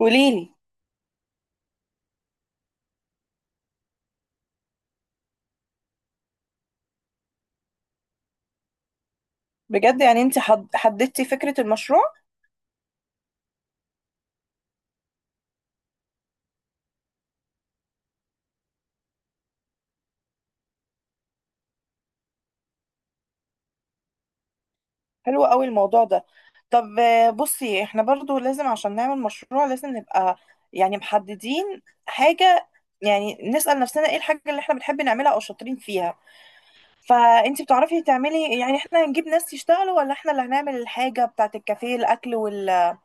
قوليلي بجد. يعني انت حددتي فكرة المشروع؟ حلو قوي الموضوع ده. طب، بصي، احنا برضو لازم عشان نعمل مشروع لازم نبقى يعني محددين حاجة. يعني نسأل نفسنا ايه الحاجة اللي احنا بنحب نعملها او شاطرين فيها، فانت بتعرفي تعملي؟ يعني احنا هنجيب ناس يشتغلوا، ولا احنا اللي هنعمل الحاجة بتاعت الكافيه، الاكل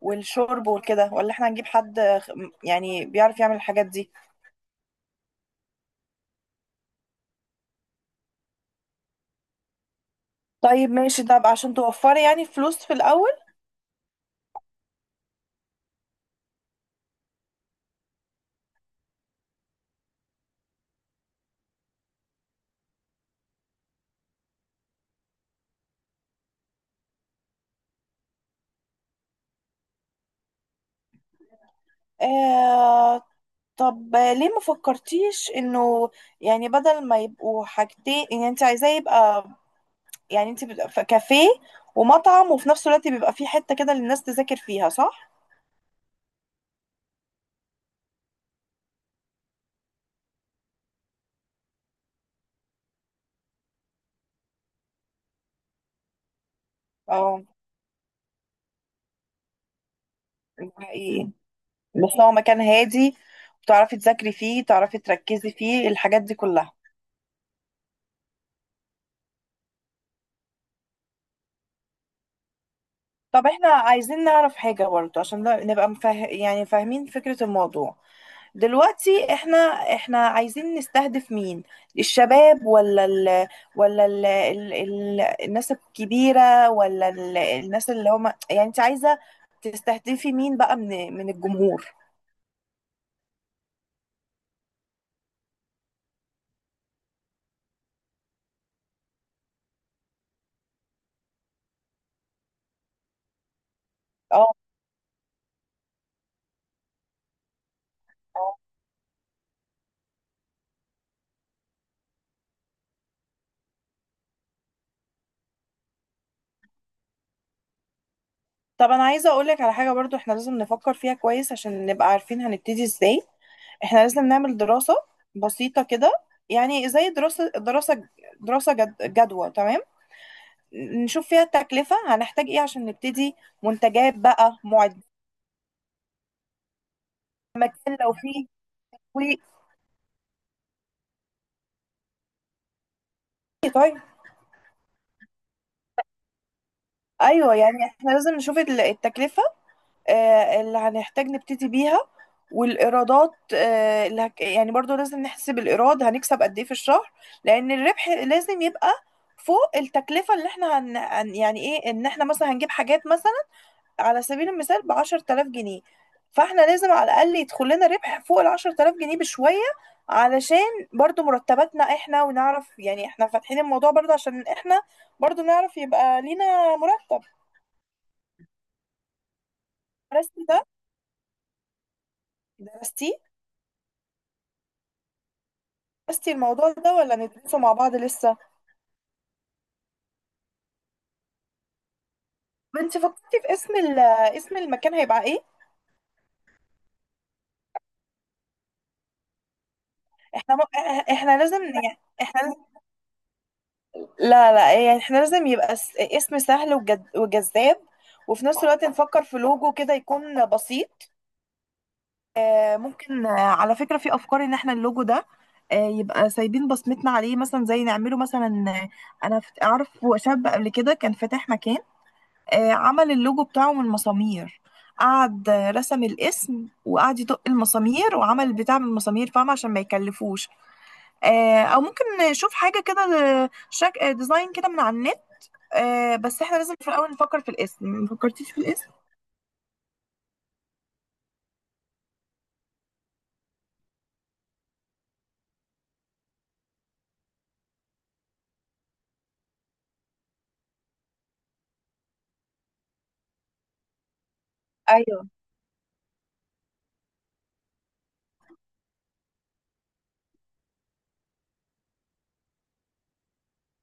والشرب وكده، ولا احنا هنجيب حد يعني بيعرف يعمل الحاجات دي؟ طيب ماشي، ده بقى عشان توفري يعني فلوس في الاول. آه. طب ليه ما فكرتيش انه يعني بدل ما يبقوا حاجتين، ان انت عايزاه يبقى يعني انت كافيه ومطعم، وفي نفس الوقت بيبقى فيه حتة كده للناس تذاكر فيها، صح؟ اه، ده حقيقي. بس هو مكان هادي، وتعرفي تذاكري فيه، تعرفي تركزي فيه الحاجات دي كلها. طب احنا عايزين نعرف حاجة برضه عشان نبقى يعني فاهمين فكرة الموضوع. دلوقتي احنا عايزين نستهدف مين؟ الشباب، ولا الناس الكبيرة، ولا الناس اللي هم؟ يعني انت عايزة تستهدفي مين بقى، من الجمهور؟ اه. طب انا عايزه اقولك على حاجه، برضو احنا لازم نفكر فيها كويس عشان نبقى عارفين هنبتدي ازاي. احنا لازم نعمل دراسه بسيطه كده، يعني زي دراسه جدوى، تمام؟ نشوف فيها التكلفه، هنحتاج ايه عشان نبتدي، منتجات بقى، معدات، لو في. و- طيب. ايوه، يعني احنا لازم نشوف التكلفه، اللي هنحتاج نبتدي بيها، والإيرادات. يعني برضو لازم نحسب الإيراد، هنكسب قد إيه في الشهر، لأن الربح لازم يبقى فوق التكلفة اللي احنا يعني ايه، ان احنا مثلا هنجيب حاجات، مثلا على سبيل المثال بـ10 تلاف جنيه، فاحنا لازم على الأقل يدخل لنا ربح فوق الـ10 تلاف جنيه بشوية، علشان برضو مرتباتنا احنا، ونعرف يعني احنا فاتحين الموضوع برضو عشان احنا برضو نعرف يبقى لينا مرتب. درستي ده؟ درستي؟ درستي الموضوع ده ولا ندرسه مع بعض لسه؟ انت فكرتي في اسم المكان هيبقى ايه؟ احنا احنا لازم يعني احنا لازم. لا، لا، يعني احنا لازم يبقى اسم سهل وجذاب، وفي نفس الوقت نفكر في لوجو كده يكون بسيط. ممكن، على فكرة، في افكار ان احنا اللوجو ده يبقى سايبين بصمتنا عليه، مثلا زي نعمله مثلا. اعرف شاب قبل كده كان فاتح مكان، عمل اللوجو بتاعه من مسامير، قعد رسم الاسم وقعد يدق المسامير وعمل البتاع من المسامير، فاهمة؟ عشان ما يكلفوش. او ممكن نشوف حاجة كده، آه، شك... آه، ديزاين كده من على النت. بس احنا لازم في الاول نفكر في الاسم، ما فكرتيش في الاسم؟ ايوه،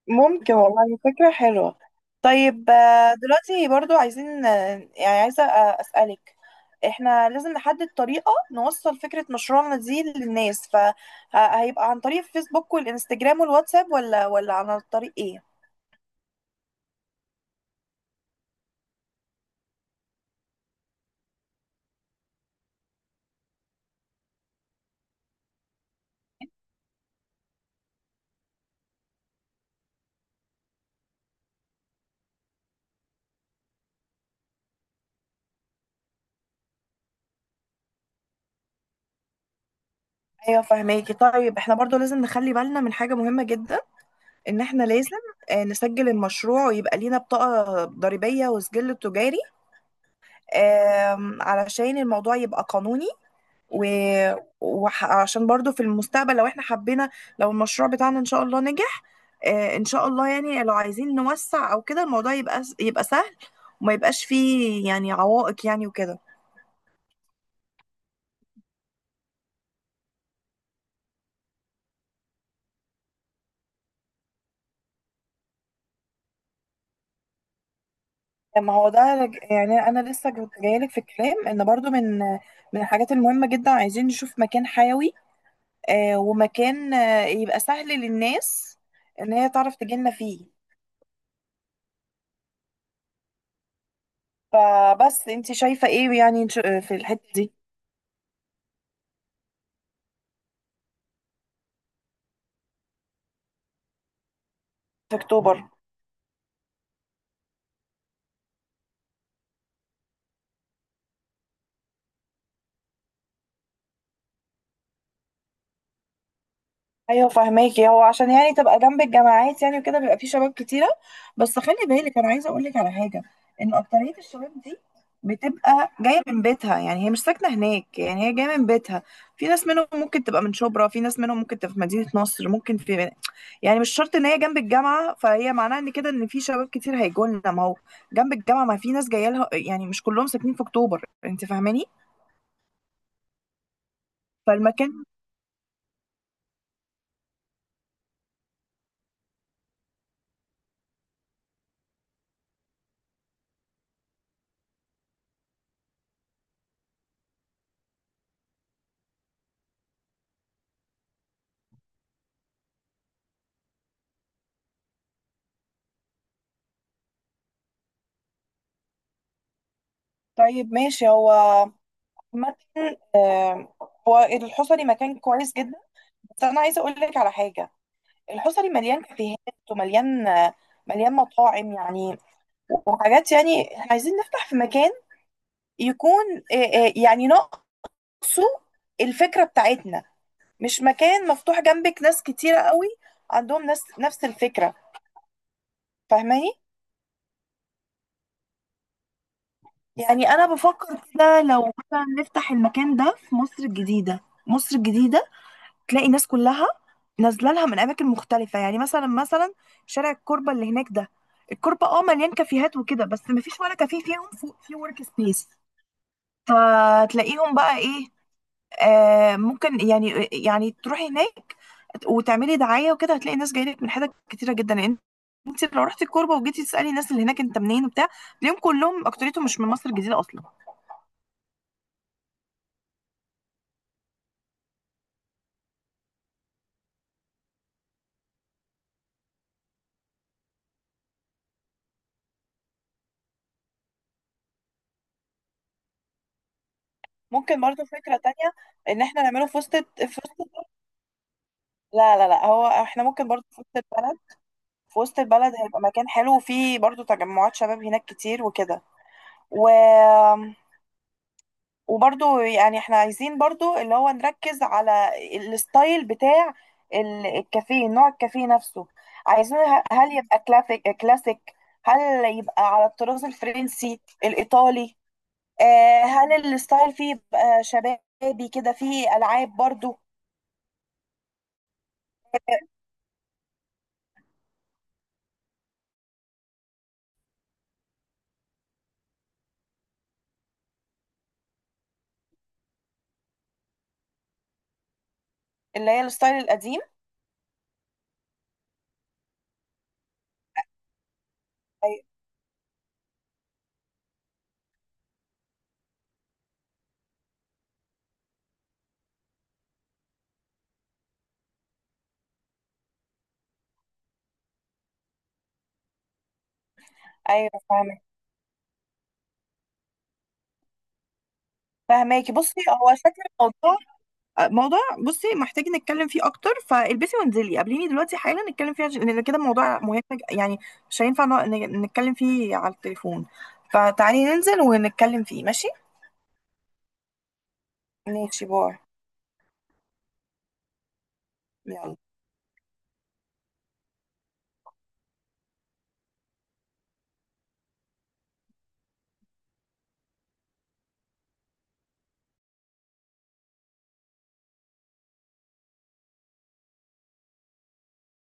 ممكن والله، فكرة حلوة. طيب، دلوقتي برضو عايزين، عايزة أسألك، احنا لازم نحدد طريقة نوصل فكرة مشروعنا دي للناس، فهيبقى عن طريق الفيسبوك والإنستجرام والواتساب، ولا عن طريق ايه؟ ايوه، فهماكي. طيب احنا برضو لازم نخلي بالنا من حاجة مهمة جدا، ان احنا لازم نسجل المشروع ويبقى لينا بطاقة ضريبية وسجل تجاري، علشان الموضوع يبقى قانوني. و... وعشان برضو في المستقبل، لو احنا حبينا، لو المشروع بتاعنا ان شاء الله نجح، ان شاء الله، يعني لو عايزين نوسع او كده الموضوع يبقى سهل، وما يبقاش فيه يعني عوائق، يعني وكده. ما هو ده يعني انا لسه جايلك في الكلام، ان برضو من الحاجات المهمة جدا عايزين نشوف مكان حيوي، ومكان يبقى سهل للناس ان هي تعرف تجيلنا فيه. فبس انت شايفة ايه، يعني في الحتة دي؟ في اكتوبر؟ ايوه، فهماكي، هو عشان يعني تبقى جنب الجامعات يعني وكده، بيبقى فيه شباب كتيره. بس خلي بالك، انا عايزه اقول لك على حاجه، ان اكتريه الشباب دي بتبقى جايه من بيتها، يعني هي مش ساكنه هناك، يعني هي جايه من بيتها. في ناس منهم ممكن تبقى من شبرا، في ناس منهم ممكن تبقى في مدينه نصر، ممكن في، يعني مش شرط ان هي جنب الجامعه. فهي معناها ان كده ان في شباب كتير هيجوا لنا، ما هو جنب الجامعه، ما في ناس جايه لها، يعني مش كلهم ساكنين في اكتوبر، انت فاهماني؟ فالمكان، طيب ماشي. هو عامة، آه، هو الحصري مكان كويس جدا، بس انا عايزه اقول لك على حاجه: الحصري مليان كافيهات، ومليان آه، مليان مطاعم يعني وحاجات، يعني إحنا عايزين نفتح في مكان يكون، آه، يعني ناقصه الفكره بتاعتنا، مش مكان مفتوح جنبك ناس كتيره قوي عندهم ناس نفس الفكره، فاهماني؟ يعني انا بفكر كده، لو مثلا نفتح المكان ده في مصر الجديده. مصر الجديده تلاقي الناس كلها نازله لها من اماكن مختلفه، يعني مثلا شارع الكوربه اللي هناك ده. الكوربه اه مليان كافيهات وكده، بس ما فيش ولا كافيه فيهم فوق في ورك سبيس. فتلاقيهم بقى ايه، ممكن يعني تروحي هناك وتعملي دعايه وكده، هتلاقي ناس جايه لك من حتت كتيره جدا، لان انت لو رحتي الكوربه وجيتي تسالي الناس اللي هناك انت منين وبتاع، تلاقيهم كلهم اكتريتهم مش من مصر الجديده اصلا. ممكن برضو فكرة تانية، ان احنا نعمله في وسط. لا، لا، لا، هو احنا ممكن برضو في وسط البلد هيبقى مكان حلو، وفيه برضو تجمعات شباب هناك كتير وكده. و... وبرضو يعني احنا عايزين برضو اللي هو نركز على الستايل بتاع الكافيه، نوع الكافيه نفسه. عايزين، هل يبقى كلاسيك كلاسيك؟ هل يبقى على الطراز الفرنسي الايطالي؟ هل الستايل فيه يبقى شبابي كده، فيه العاب برضو؟ اللي هي الستايل القديم. أي- ايوه، فاهمك، فاهماكي. بصي هو شكل الموضوع موضوع، بصي محتاج نتكلم فيه اكتر، فالبسي وانزلي قابليني دلوقتي حالا نتكلم فيه، لان كده الموضوع مهم يعني مش هينفع نتكلم فيه على التليفون، فتعالي ننزل ونتكلم فيه، ماشي؟ ماشي، باي. يلا.